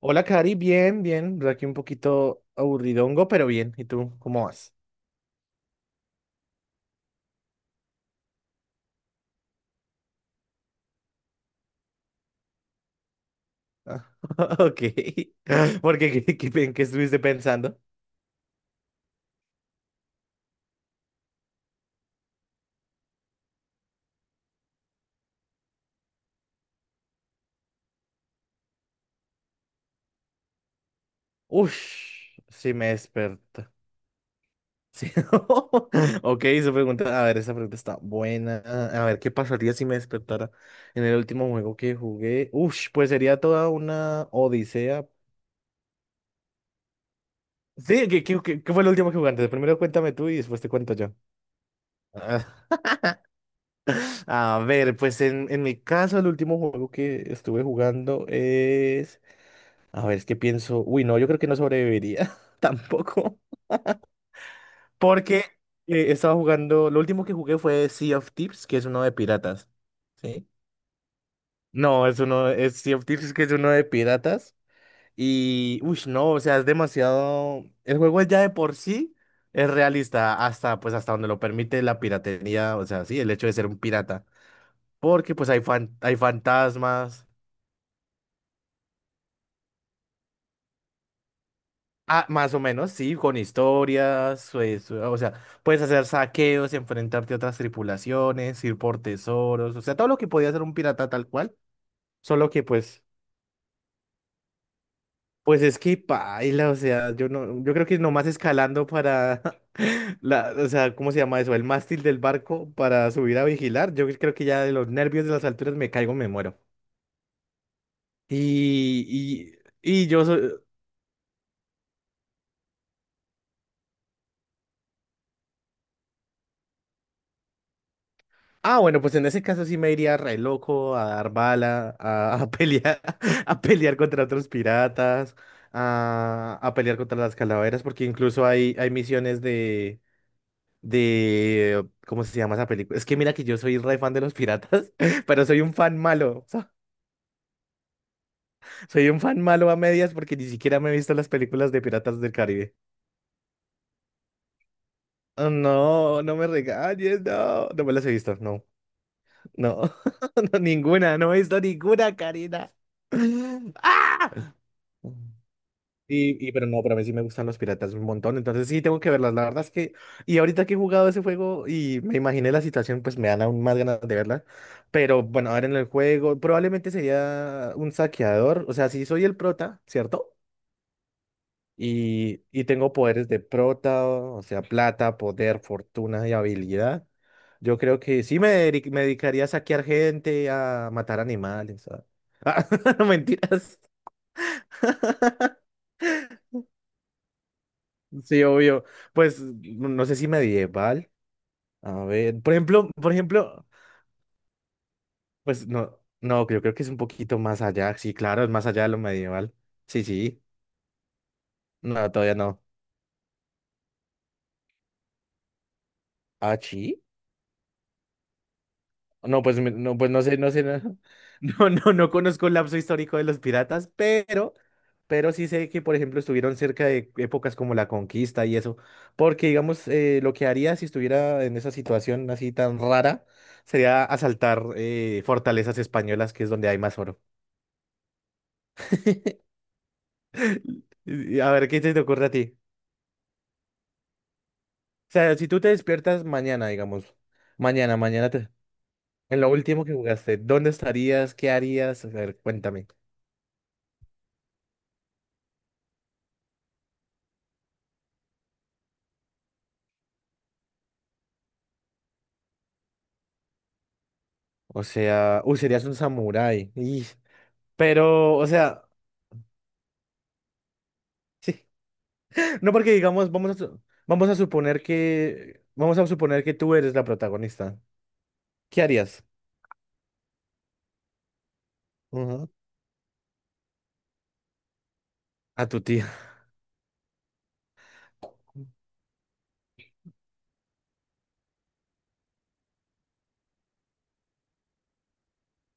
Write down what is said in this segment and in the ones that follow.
Hola, Cari, bien, bien. Aquí un poquito aburridongo, pero bien. ¿Y tú, cómo vas? Ah, ok. ¿Por qué? ¿En qué estuviste pensando? Ush, sí me desperta. Sí. Ok, esa pregunta, a ver, esa pregunta está buena. A ver, ¿qué pasaría si me despertara en el último juego que jugué? Ush, pues sería toda una odisea. Sí, ¿qué fue lo último que jugaste? Primero cuéntame tú y después te cuento yo. A ver, pues en mi caso el último juego que estuve jugando es... A ver, es que pienso... Uy, no, yo creo que no sobreviviría tampoco. Porque estaba jugando... Lo último que jugué fue Sea of Thieves, que es uno de piratas. ¿Sí? No, es uno... Es Sea of Thieves, que es uno de piratas. Y... Uy, no, o sea, es demasiado... El juego ya de por sí es realista hasta, pues, hasta donde lo permite la piratería. O sea, sí, el hecho de ser un pirata. Porque pues hay, hay fantasmas. Ah, más o menos, sí, con historias, pues, o sea, puedes hacer saqueos, enfrentarte a otras tripulaciones, ir por tesoros, o sea, todo lo que podía hacer un pirata tal cual, solo que pues, pues es que paila, o sea, yo no, yo creo que nomás escalando para la, o sea, ¿cómo se llama eso? El mástil del barco para subir a vigilar, yo creo que ya de los nervios de las alturas me caigo, me muero. Y, y yo, Ah, bueno, pues en ese caso sí me iría re loco a dar bala, a pelear, a pelear contra otros piratas, a pelear contra las calaveras, porque incluso hay, hay misiones de, ¿cómo se llama esa película? Es que mira que yo soy re fan de los piratas, pero soy un fan malo, o sea, soy un fan malo a medias porque ni siquiera me he visto las películas de Piratas del Caribe. Oh, no, no me regañes, no, no me las he visto, no. No, no, ninguna, no he visto ninguna, Karina. ¡Ah! Pero no, pero a mí sí me gustan los piratas un montón, entonces sí tengo que verlas. La verdad es que, y ahorita que he jugado ese juego y me imaginé la situación, pues me dan aún más ganas de verla. Pero bueno, ahora en el juego probablemente sería un saqueador, o sea, si soy el prota, ¿cierto? Y tengo poderes de prota, o sea, plata, poder, fortuna y habilidad. Yo creo que sí me, me dedicaría a saquear gente, a matar animales. Ah, mentiras. Sí, obvio. Pues no no sé si medieval. A ver, por ejemplo, pues no, no, yo creo que es un poquito más allá. Sí, claro, es más allá de lo medieval. Sí, sí. No, todavía no. Ah, sí. No, pues no, pues no sé, no sé, no, no, no, no conozco el lapso histórico de los piratas, pero sí sé que, por ejemplo, estuvieron cerca de épocas como la conquista y eso, porque, digamos, lo que haría si estuviera en esa situación así tan rara sería asaltar fortalezas españolas, que es donde hay más oro. Y a ver, ¿qué se te ocurre a ti? O sea, si tú te despiertas mañana, digamos, mañana, mañana, te- en lo último que jugaste, ¿dónde estarías? ¿Qué harías? A ver, cuéntame. O sea, uy, serías un samurái. Pero, o sea, sí. No porque digamos, vamos a suponer que, vamos a suponer que tú eres la protagonista. ¿Qué harías? Ujú. A tu tía.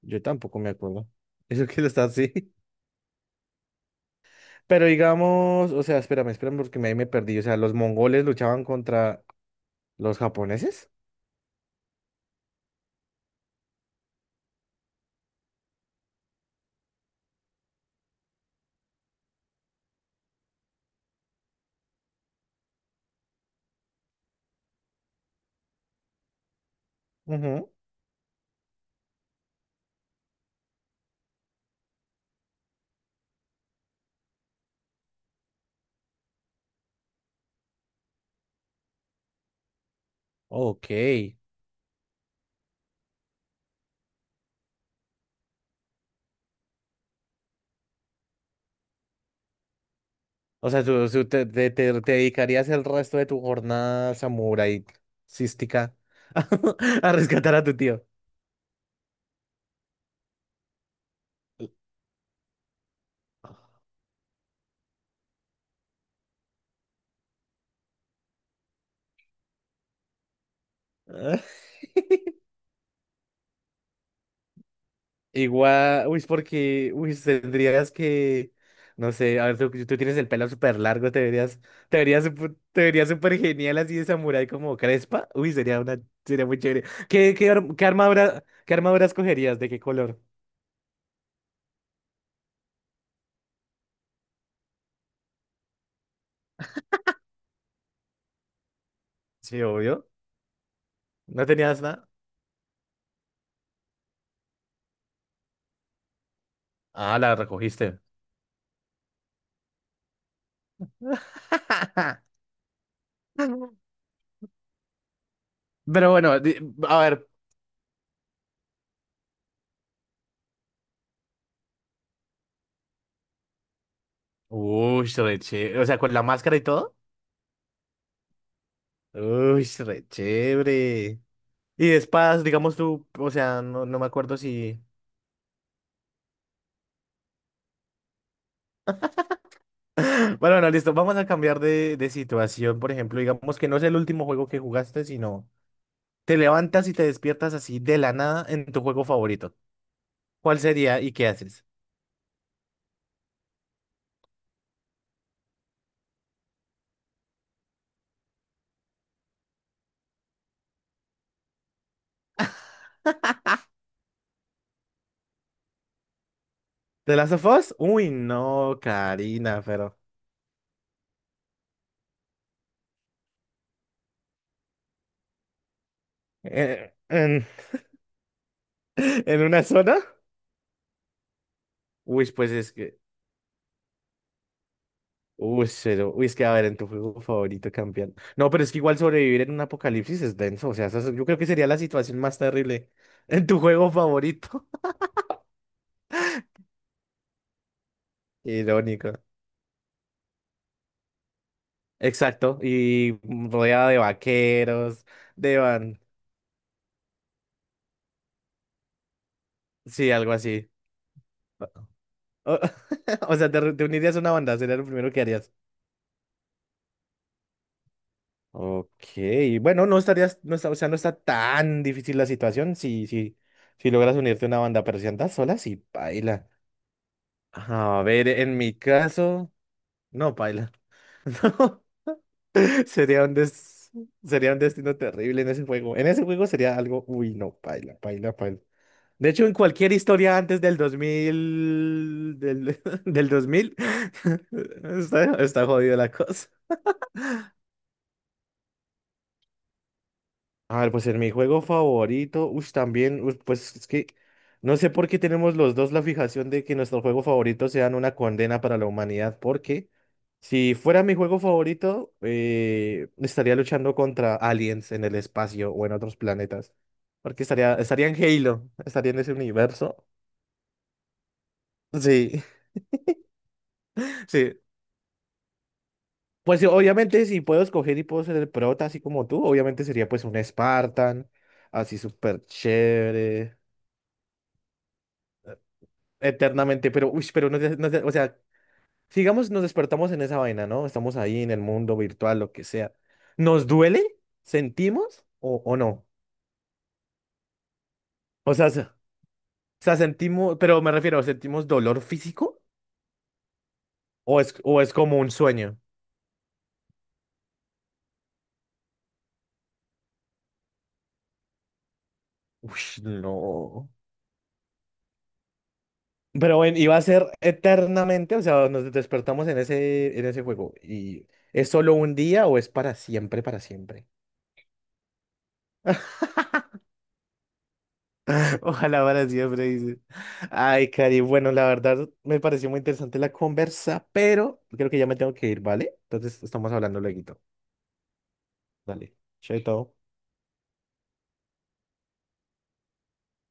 Yo tampoco me acuerdo. Eso que está así. Pero digamos, o sea, espérame porque me ahí me perdí. O sea, los mongoles luchaban contra los japoneses. Ujú. Ok. O sea, tú, tú te dedicarías el resto de tu jornada samurai cística a rescatar a tu tío. Igual, uy, es porque, uy, tendrías que, no sé, a ver, tú tienes el pelo súper largo, te verías, te verías súper genial así de samurái como Crespa. Uy, sería una, sería muy chévere. ¿Qué armadura, qué armadura escogerías? ¿De qué color? Sí, obvio. ¿No tenías nada? Ah, la recogiste. Pero bueno, a ver. Uy, re chévere. O sea, con la máscara y todo. Uy, re chévere. Y de espadas, digamos tú, o sea, no, no me acuerdo si... Bueno, bueno, listo, vamos a cambiar de situación, por ejemplo, digamos que no es el último juego que jugaste, sino te levantas y te despiertas así de la nada en tu juego favorito. ¿Cuál sería y qué haces? ¿The Last of Us? Uy, no, Karina, pero... eh, en, ¿en una zona? Uy, pues es que... Uy, cero. Uy, es que a ver, en tu juego favorito campeón. No, pero es que igual sobrevivir en un apocalipsis es denso. O sea, eso es- yo creo que sería la situación más terrible en tu juego favorito. Irónico. Exacto. Y rodeada de vaqueros, de van. Sí, algo así. O, o sea, te unirías a una banda, sería lo primero que harías. Ok, bueno, no estarías, no está, o sea, no está tan difícil la situación si logras unirte a una banda, pero si andas sola, sí, baila. A ver, en mi caso. No, paila. No, sería un des... sería un destino terrible en ese juego. En ese juego sería algo, uy, no, paila, paila, paila. De hecho, en cualquier historia antes del 2000, del 2000, está, está jodida la cosa. A ver, pues en mi juego favorito, uy, también, uy, pues es que no sé por qué tenemos los dos la fijación de que nuestros juegos favoritos sean una condena para la humanidad, porque si fuera mi juego favorito, estaría luchando contra aliens en el espacio o en otros planetas, porque estaría, estaría en Halo, estaría en ese universo. Sí, sí. Pues sí, obviamente si puedo escoger y puedo ser el prota así como tú, obviamente sería pues un Spartan, así súper chévere. Eternamente, pero, uy, pero no, o sea, sigamos, nos despertamos en esa vaina, ¿no? Estamos ahí en el mundo virtual, lo que sea. ¿Nos duele? ¿Sentimos o no? O sea, sentimos, pero me refiero, ¿sentimos dolor físico? O es como un sueño? Uy, no. Pero bueno, iba a ser eternamente, o sea, nos despertamos en ese juego. ¿Y es solo un día o es para siempre, para siempre? Ojalá para siempre, dice. Ay, Cari, bueno, la verdad me pareció muy interesante la conversa, pero creo que ya me tengo que ir, ¿vale? Entonces estamos hablando luego. Dale, chaito.